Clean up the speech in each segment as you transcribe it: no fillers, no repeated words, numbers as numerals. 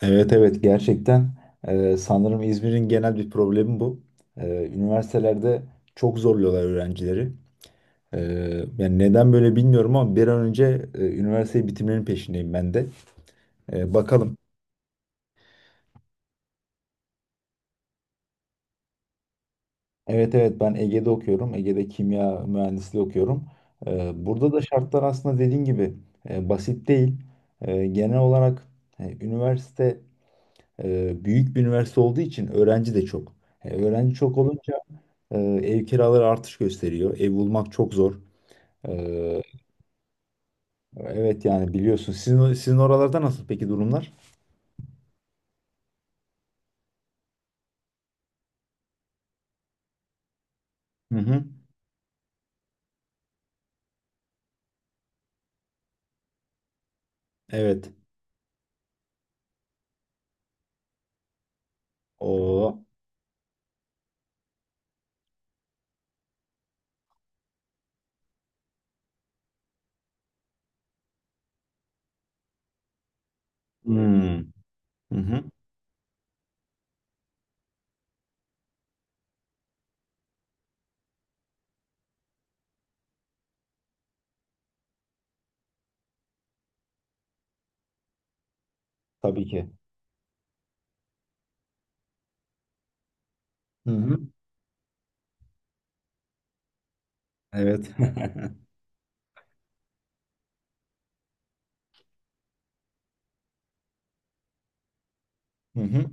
Evet, evet, gerçekten sanırım İzmir'in genel bir problemi bu. Üniversitelerde çok zorluyorlar öğrencileri. Yani neden böyle bilmiyorum ama bir an önce üniversiteyi bitirmenin peşindeyim ben de. Bakalım. Evet, evet, ben Ege'de okuyorum. Ege'de kimya mühendisliği okuyorum. Burada da şartlar aslında dediğin gibi basit değil. Genel olarak e, üniversite büyük bir üniversite olduğu için öğrenci de çok. Öğrenci çok olunca Ee, ev kiraları artış gösteriyor. Ev bulmak çok zor. Ee, evet, yani biliyorsun. Sizin oralarda nasıl peki durumlar? Hı hı. Evet. O. Hmm. Hı hı. Tabii ki. Hı hı. Evet. Hı hı.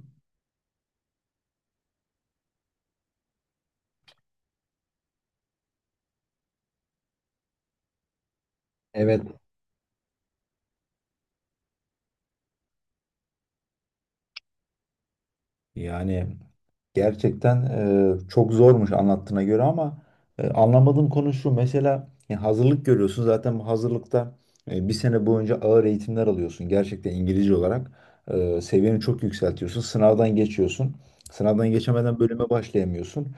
Evet. Yani gerçekten çok zormuş anlattığına göre ama anlamadığım konu şu. Mesela ya hazırlık görüyorsun. Zaten bu hazırlıkta bir sene boyunca ağır eğitimler alıyorsun. Gerçekten İngilizce olarak seviyeni çok yükseltiyorsun. Sınavdan geçiyorsun. Sınavdan geçemeden bölüme başlayamıyorsun.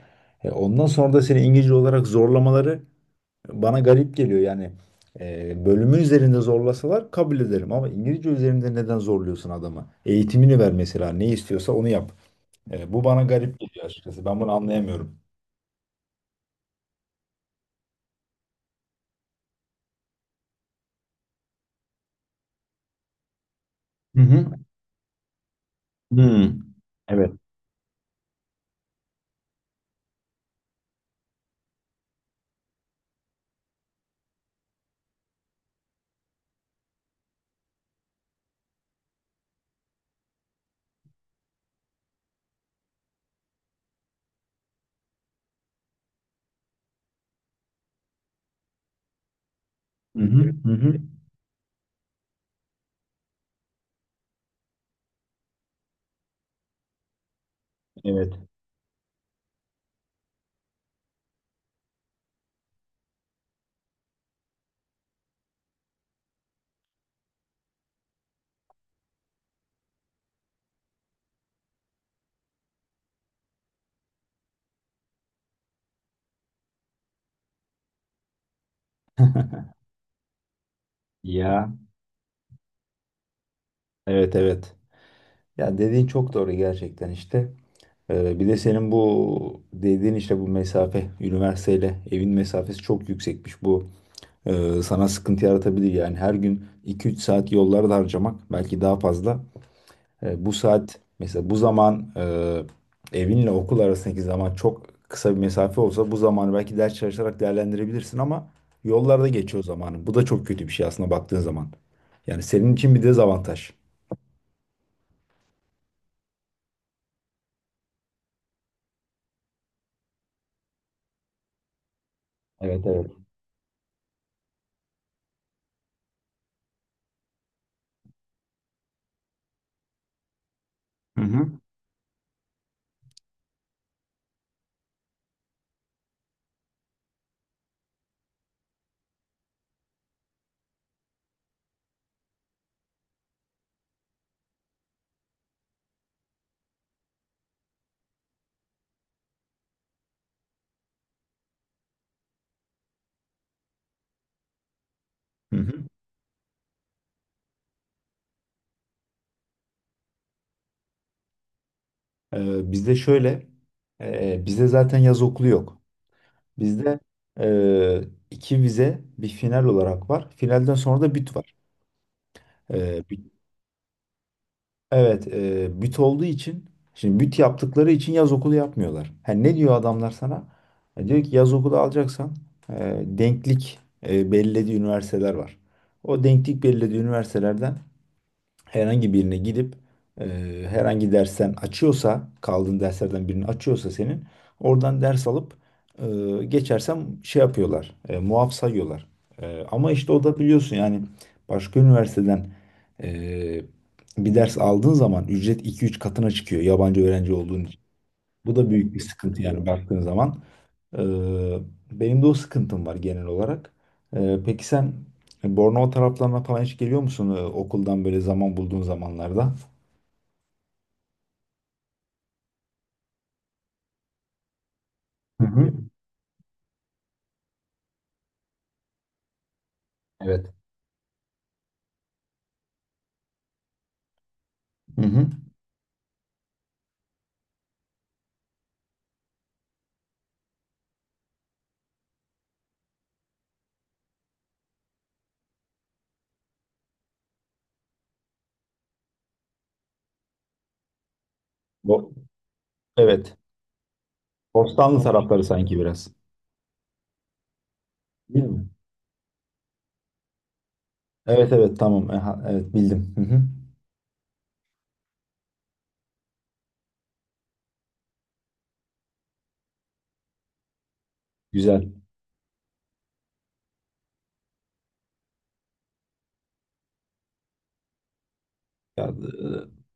Ondan sonra da seni İngilizce olarak zorlamaları bana garip geliyor. Yani bölümü üzerinde zorlasalar kabul ederim. Ama İngilizce üzerinde neden zorluyorsun adamı? Eğitimini ver mesela. Ne istiyorsa onu yap. Bu bana garip geliyor açıkçası. Ben bunu anlayamıyorum. Hı hı. Hmm. Evet. Hı hı. Hı hı. Evet. Ya. Evet, evet. Ya dediğin çok doğru gerçekten işte. Bir de senin bu dediğin işte bu mesafe, üniversiteyle evin mesafesi çok yüksekmiş. Bu sana sıkıntı yaratabilir yani. Her gün iki üç saat yollarda harcamak, belki daha fazla. Bu saat mesela, bu zaman, evinle okul arasındaki zaman çok kısa bir mesafe olsa bu zamanı belki ders çalışarak değerlendirebilirsin ama yollarda geçiyor zamanı. Bu da çok kötü bir şey aslında baktığın zaman. Yani senin için bir dezavantaj. Evet, evet. Hı hı. Hı hı. Bizde şöyle, bizde zaten yaz okulu yok. Bizde e, iki vize bir final olarak var. Finalden sonra da büt var. E, Evet, büt olduğu için, şimdi büt yaptıkları için yaz okulu yapmıyorlar. Ha, ne diyor adamlar sana? Diyor ki yaz okulu alacaksan denklik belirlediği üniversiteler var. O denklik belirlediği üniversitelerden herhangi birine gidip e, herhangi dersten açıyorsa, kaldığın derslerden birini açıyorsa senin oradan ders alıp e, geçersem şey yapıyorlar, muaf sayıyorlar. Ama işte o da biliyorsun yani başka üniversiteden e, bir ders aldığın zaman ücret iki üç katına çıkıyor yabancı öğrenci olduğun için. Bu da büyük bir sıkıntı yani baktığın zaman. Ee, Benim de o sıkıntım var genel olarak. Peki sen Bornova taraflarına falan hiç geliyor musun? Okuldan böyle zaman bulduğun zamanlarda? Hı hı. Evet. Hı hı. Bo- evet. Bostanlı tarafları sanki biraz. Değil mi? Evet, evet, tamam. Aha, evet, bildim. Hı hı. Güzel. Ya,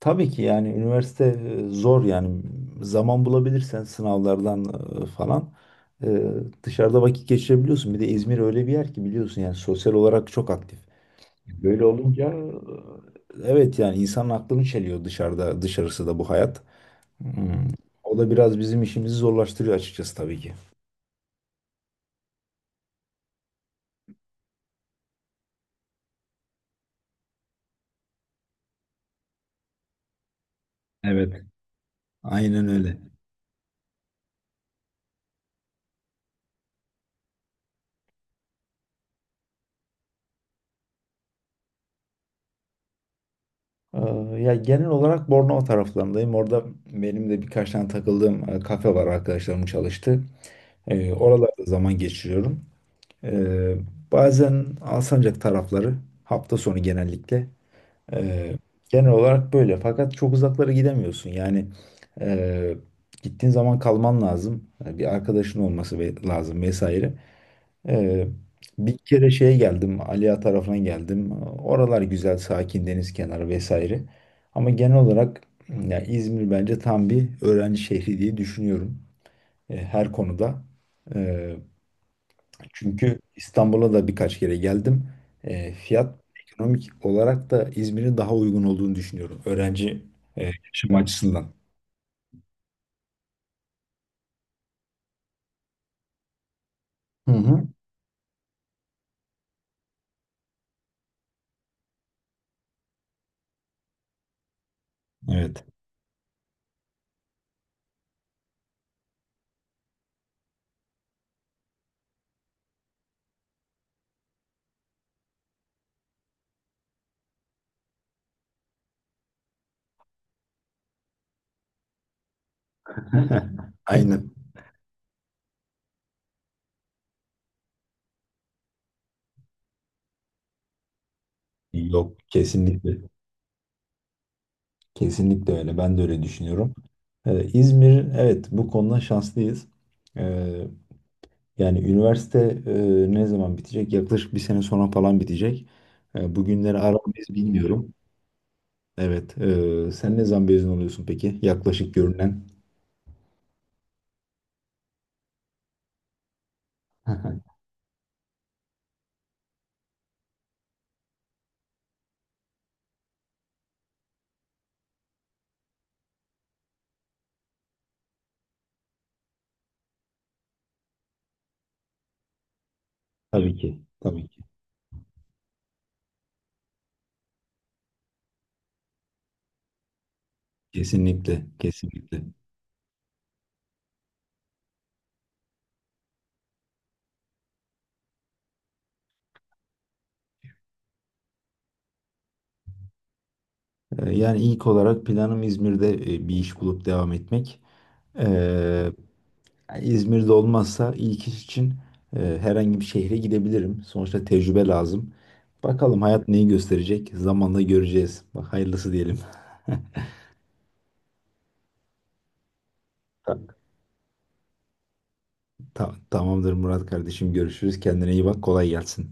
tabii ki yani üniversite zor yani. Zaman bulabilirsen sınavlardan e, falan e, dışarıda vakit geçirebiliyorsun. Bir de İzmir öyle bir yer ki biliyorsun, yani sosyal olarak çok aktif. Böyle olunca evet, yani insanın aklını çeliyor dışarıda, dışarısı da bu hayat. Hmm. O da biraz bizim işimizi zorlaştırıyor açıkçası tabii ki. Evet, aynen öyle. Ya genel olarak Bornova taraflarındayım. Orada benim de birkaç tane takıldığım kafe var, arkadaşlarım çalıştı. Oralarda zaman geçiriyorum. Ee, Bazen Alsancak tarafları, hafta sonu genellikle. Ee, Genel olarak böyle. Fakat çok uzaklara gidemiyorsun. Yani e, gittiğin zaman kalman lazım. Yani bir arkadaşın olması lazım vesaire. Ee, Bir kere şeye geldim, Aliya tarafına geldim. Oralar güzel, sakin, deniz kenarı vesaire. Ama genel olarak ya, İzmir bence tam bir öğrenci şehri diye düşünüyorum. Her konuda. Çünkü İstanbul'a da birkaç kere geldim. Fiyat, ekonomik olarak da İzmir'in daha uygun olduğunu düşünüyorum. Öğrenci yaşam açısından. Hı hı. Evet. Aynen. Yok, kesinlikle. Kesinlikle öyle. Ben de öyle düşünüyorum. İzmir evet, bu konuda şanslıyız. Ee, Yani üniversite e, ne zaman bitecek? Yaklaşık bir sene sonra falan bitecek. Bugünleri aramız bilmiyorum. Evet. Sen ne zaman mezun oluyorsun peki? Yaklaşık görünen. Tabii ki, tabii ki. Kesinlikle, kesinlikle. Yani ilk olarak planım İzmir'de bir iş bulup devam etmek. Ee, Yani İzmir'de olmazsa ilk iş için herhangi bir şehre gidebilirim. Sonuçta tecrübe lazım. Bakalım, hayat neyi gösterecek? Zamanla göreceğiz. Bak, hayırlısı diyelim. Ta- Tamamdır Murat kardeşim. Görüşürüz. Kendine iyi bak. Kolay gelsin.